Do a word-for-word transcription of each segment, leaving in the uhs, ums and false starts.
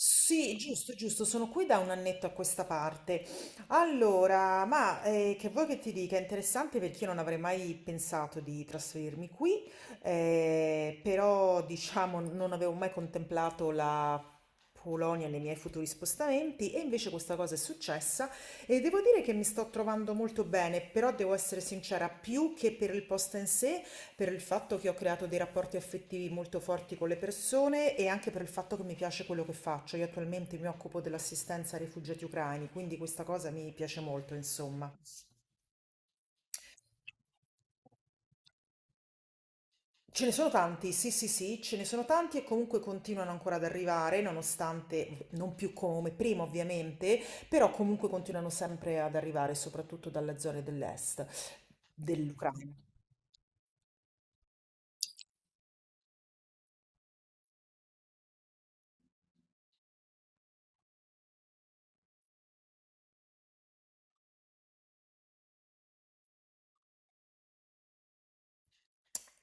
Sì, giusto, giusto, sono qui da un annetto a questa parte. Allora, ma eh, che vuoi che ti dica? È interessante perché io non avrei mai pensato di trasferirmi qui, eh, però diciamo non avevo mai contemplato la Polonia nei miei futuri spostamenti e invece questa cosa è successa e devo dire che mi sto trovando molto bene, però devo essere sincera, più che per il posto in sé. Per il fatto che ho creato dei rapporti affettivi molto forti con le persone e anche per il fatto che mi piace quello che faccio. Io attualmente mi occupo dell'assistenza ai rifugiati ucraini, quindi questa cosa mi piace molto, insomma. Ce ne sono tanti, sì, sì, sì, ce ne sono tanti e comunque continuano ancora ad arrivare, nonostante non più come prima, ovviamente, però comunque continuano sempre ad arrivare, soprattutto dalle zone dell'est dell'Ucraina.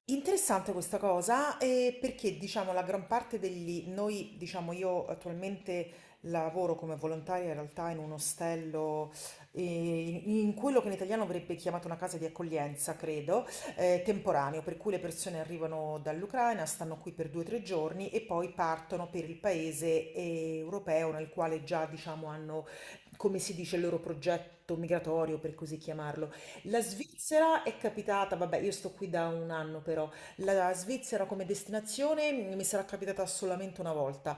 Interessante questa cosa, eh, perché diciamo la gran parte degli, noi diciamo io attualmente lavoro come volontaria in realtà in un ostello, eh, in, in quello che in italiano verrebbe chiamato una casa di accoglienza, credo, eh, temporaneo, per cui le persone arrivano dall'Ucraina, stanno qui per due o tre giorni e poi partono per il paese eh, europeo nel quale già diciamo hanno, come si dice, il loro progetto migratorio, per così chiamarlo. La Svizzera è capitata, vabbè, io sto qui da un anno però, la Svizzera come destinazione mi sarà capitata solamente una volta,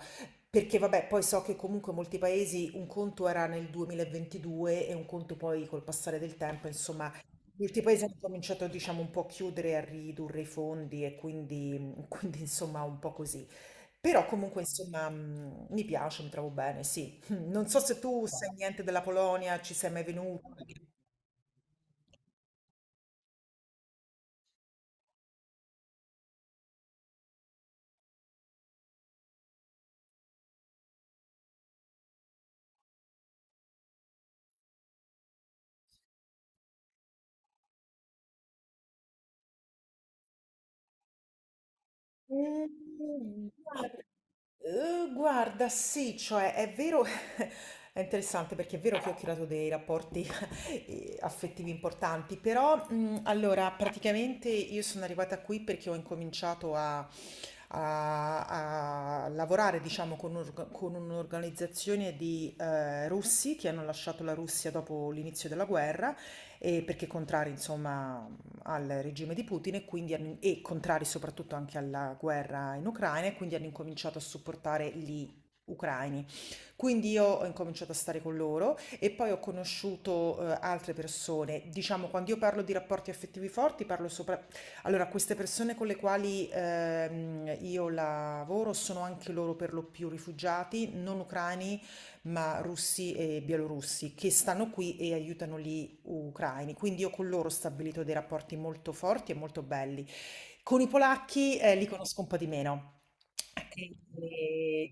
perché vabbè, poi so che comunque molti paesi un conto era nel duemilaventidue e un conto poi col passare del tempo, insomma, molti paesi hanno cominciato, diciamo, un po' a chiudere, e a ridurre i fondi e quindi, quindi insomma, un po' così. Però comunque, insomma, mh, mi piace, mi trovo bene, sì. Non so se tu sai niente della Polonia, ci sei mai venuto. Mhmm, guarda uhm, guarda sì, cioè è vero è interessante perché è vero che ho creato dei rapporti, ehm, affettivi importanti, però, mhmm, allora praticamente io sono arrivata qui perché ho incominciato a a a lavorare diciamo con un'org con un'organizzazione di, ehm, russi che hanno lasciato la Russia dopo l'inizio della guerra, ehm, perché contrari insomma al regime di Putin e quindi hanno- e contrari soprattutto anche alla guerra in Ucraina e quindi hanno incominciato a supportare gli ucraini. Quindi io ho incominciato a stare con loro e poi ho conosciuto eh, altre persone. Diciamo, quando io parlo di rapporti affettivi forti, parlo sopra... Allora, queste persone con le quali ehm, io lavoro sono anche loro per lo più rifugiati, non ucraini ma russi e bielorussi che stanno qui e aiutano gli ucraini. Quindi io con loro ho stabilito dei rapporti molto forti e molto belli. Con i polacchi eh, li conosco un po' di meno. E-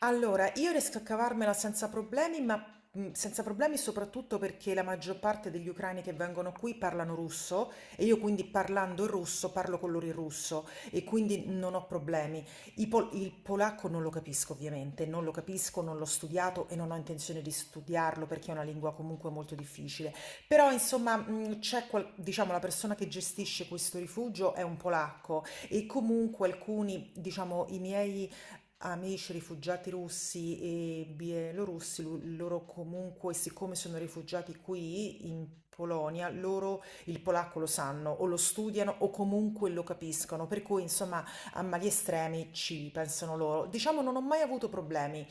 Allora, io riesco a cavarmela senza problemi, ma mh, senza problemi soprattutto perché la maggior parte degli ucraini che vengono qui parlano russo e io quindi parlando il russo parlo con loro in russo e quindi non ho problemi. I pol- il polacco non lo capisco ovviamente, non lo capisco, non l'ho studiato e non ho intenzione di studiarlo perché è una lingua comunque molto difficile. Però insomma, mh, c'è qual- diciamo la persona che gestisce questo rifugio è un polacco e comunque alcuni, diciamo, i miei amici rifugiati russi e bielorussi, lu- loro comunque, siccome sono rifugiati qui in Polonia, loro il polacco lo sanno o lo studiano o comunque lo capiscono, per cui insomma a mali estremi ci pensano loro. Diciamo non ho mai avuto problemi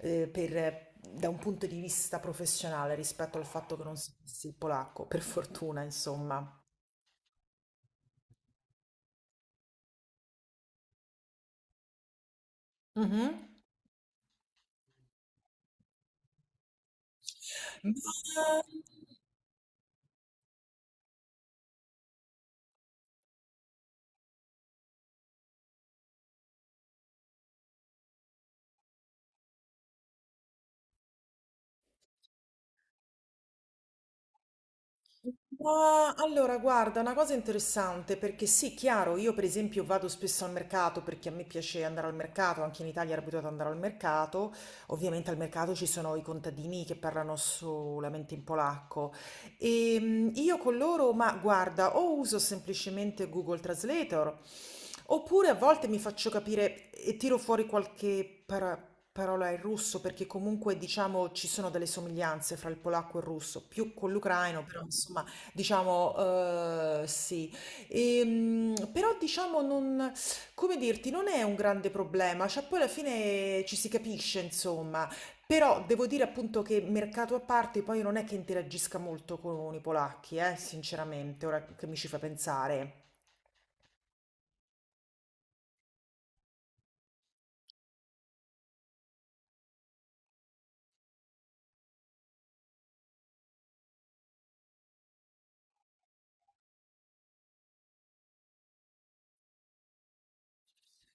eh, per- da un punto di vista professionale rispetto al fatto che non sapessi il polacco, per fortuna insomma. Mhm. Ma- Ma allora, guarda, una cosa interessante perché sì, chiaro, io per esempio vado spesso al mercato perché a me piace andare al mercato, anche in Italia ero abituata ad andare al mercato, ovviamente al mercato ci sono i contadini che parlano solamente in polacco e mm, io con loro, ma guarda, o uso semplicemente Google Translator. Oppure a volte mi faccio capire e tiro fuori qualche para- parola in russo perché comunque diciamo ci sono delle somiglianze fra il polacco e il russo, più con l'ucraino, però insomma diciamo eh, sì. Ehm, però diciamo non, come dirti, non è un grande problema, cioè poi alla fine ci si capisce insomma. Però devo dire appunto che mercato a parte poi non è che interagisca molto con i polacchi, eh, sinceramente, ora che mi ci fa pensare.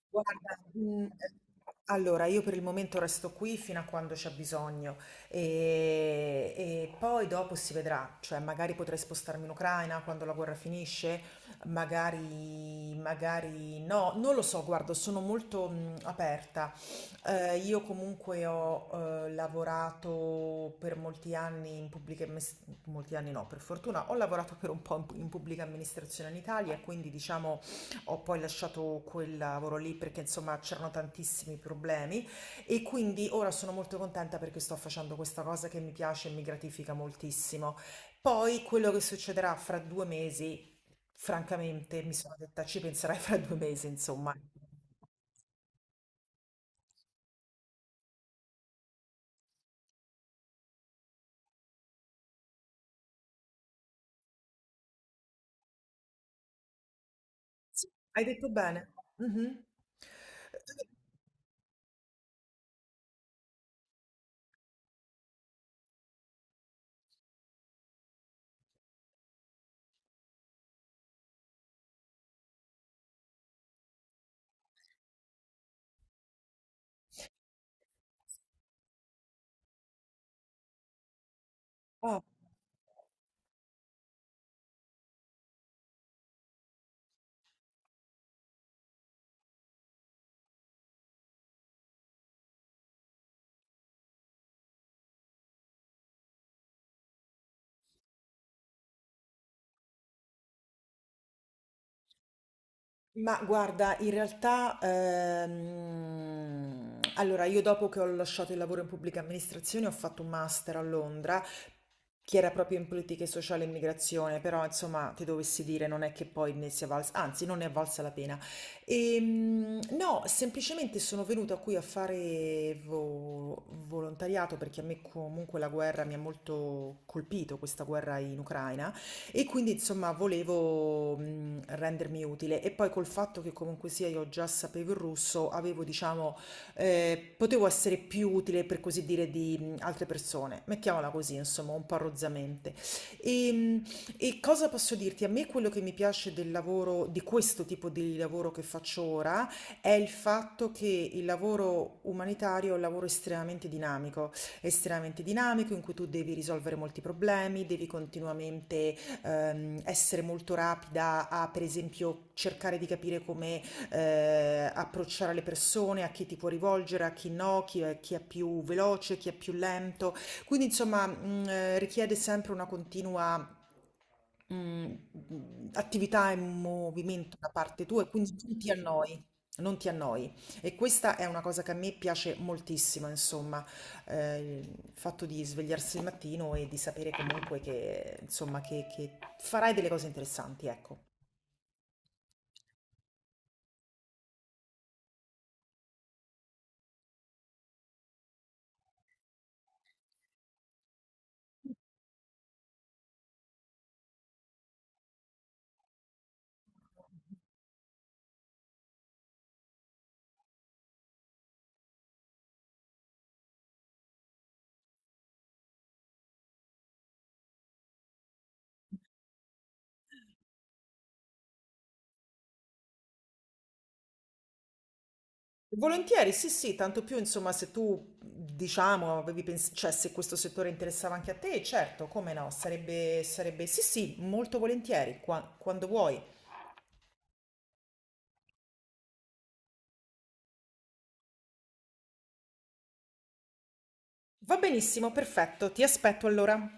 Guarda, mh, allora io per il momento resto qui fino a quando c'è bisogno e, e poi dopo si vedrà, cioè magari potrei spostarmi in Ucraina quando la guerra finisce, magari, magari no, non lo so, guarda, sono molto mh, aperta. Eh, io comunque ho eh, lavorato per molti anni in pubblica, ammis- molti anni no, per fortuna, ho lavorato per un po' in pu- in pubblica amministrazione in Italia, quindi diciamo... Ho poi lasciato quel lavoro lì perché insomma c'erano tantissimi problemi e quindi ora sono molto contenta perché sto facendo questa cosa che mi piace e mi gratifica moltissimo. Poi quello che succederà fra due mesi, francamente mi sono detta ci penserai fra due mesi, insomma. Hai detto bene? Mhm. Oh, ma guarda, in realtà, ehm, allora io dopo che ho lasciato il lavoro in pubblica amministrazione ho fatto un master a Londra chi era proprio in politiche sociali e immigrazione, però insomma ti dovessi dire non è che poi ne sia valsa, anzi non ne è valsa la pena. Ehm, no, semplicemente sono venuta qui a fare vo- volontariato perché a me comunque la guerra mi ha molto colpito, questa guerra in Ucraina, e quindi insomma volevo mh, rendermi utile. E poi col fatto che comunque sia io già sapevo il russo, avevo diciamo eh, potevo essere più utile, per così dire, di mh, altre persone. Mettiamola così, insomma, un po' rozzamente. E, mh, e cosa posso dirti? A me quello che mi piace del lavoro, di questo tipo di lavoro che faccio ora, è il fatto che il lavoro umanitario è un lavoro estremamente dinamico, estremamente dinamico in cui tu devi risolvere molti problemi, devi continuamente ehm, essere molto rapida a, per esempio, cercare di capire come eh, approcciare le persone, a chi ti puoi rivolgere, a chi no, chi è, chi è più veloce, chi è più lento. Quindi insomma mh, eh, richiede sempre una continua mh, attività e movimento da parte tua e quindi non ti annoi. Non ti annoi e questa è una cosa che a me piace moltissimo, insomma, eh, il fatto di svegliarsi il mattino e di sapere comunque che, insomma, che, che farai delle cose interessanti, ecco. Volentieri, sì, sì, tanto più, insomma, se tu, diciamo, avevi pens- cioè, se questo settore interessava anche a te, certo, come no, sarebbe, sarebbe, sì, sì, molto volentieri, qua- quando vuoi. Va benissimo, perfetto, ti aspetto allora.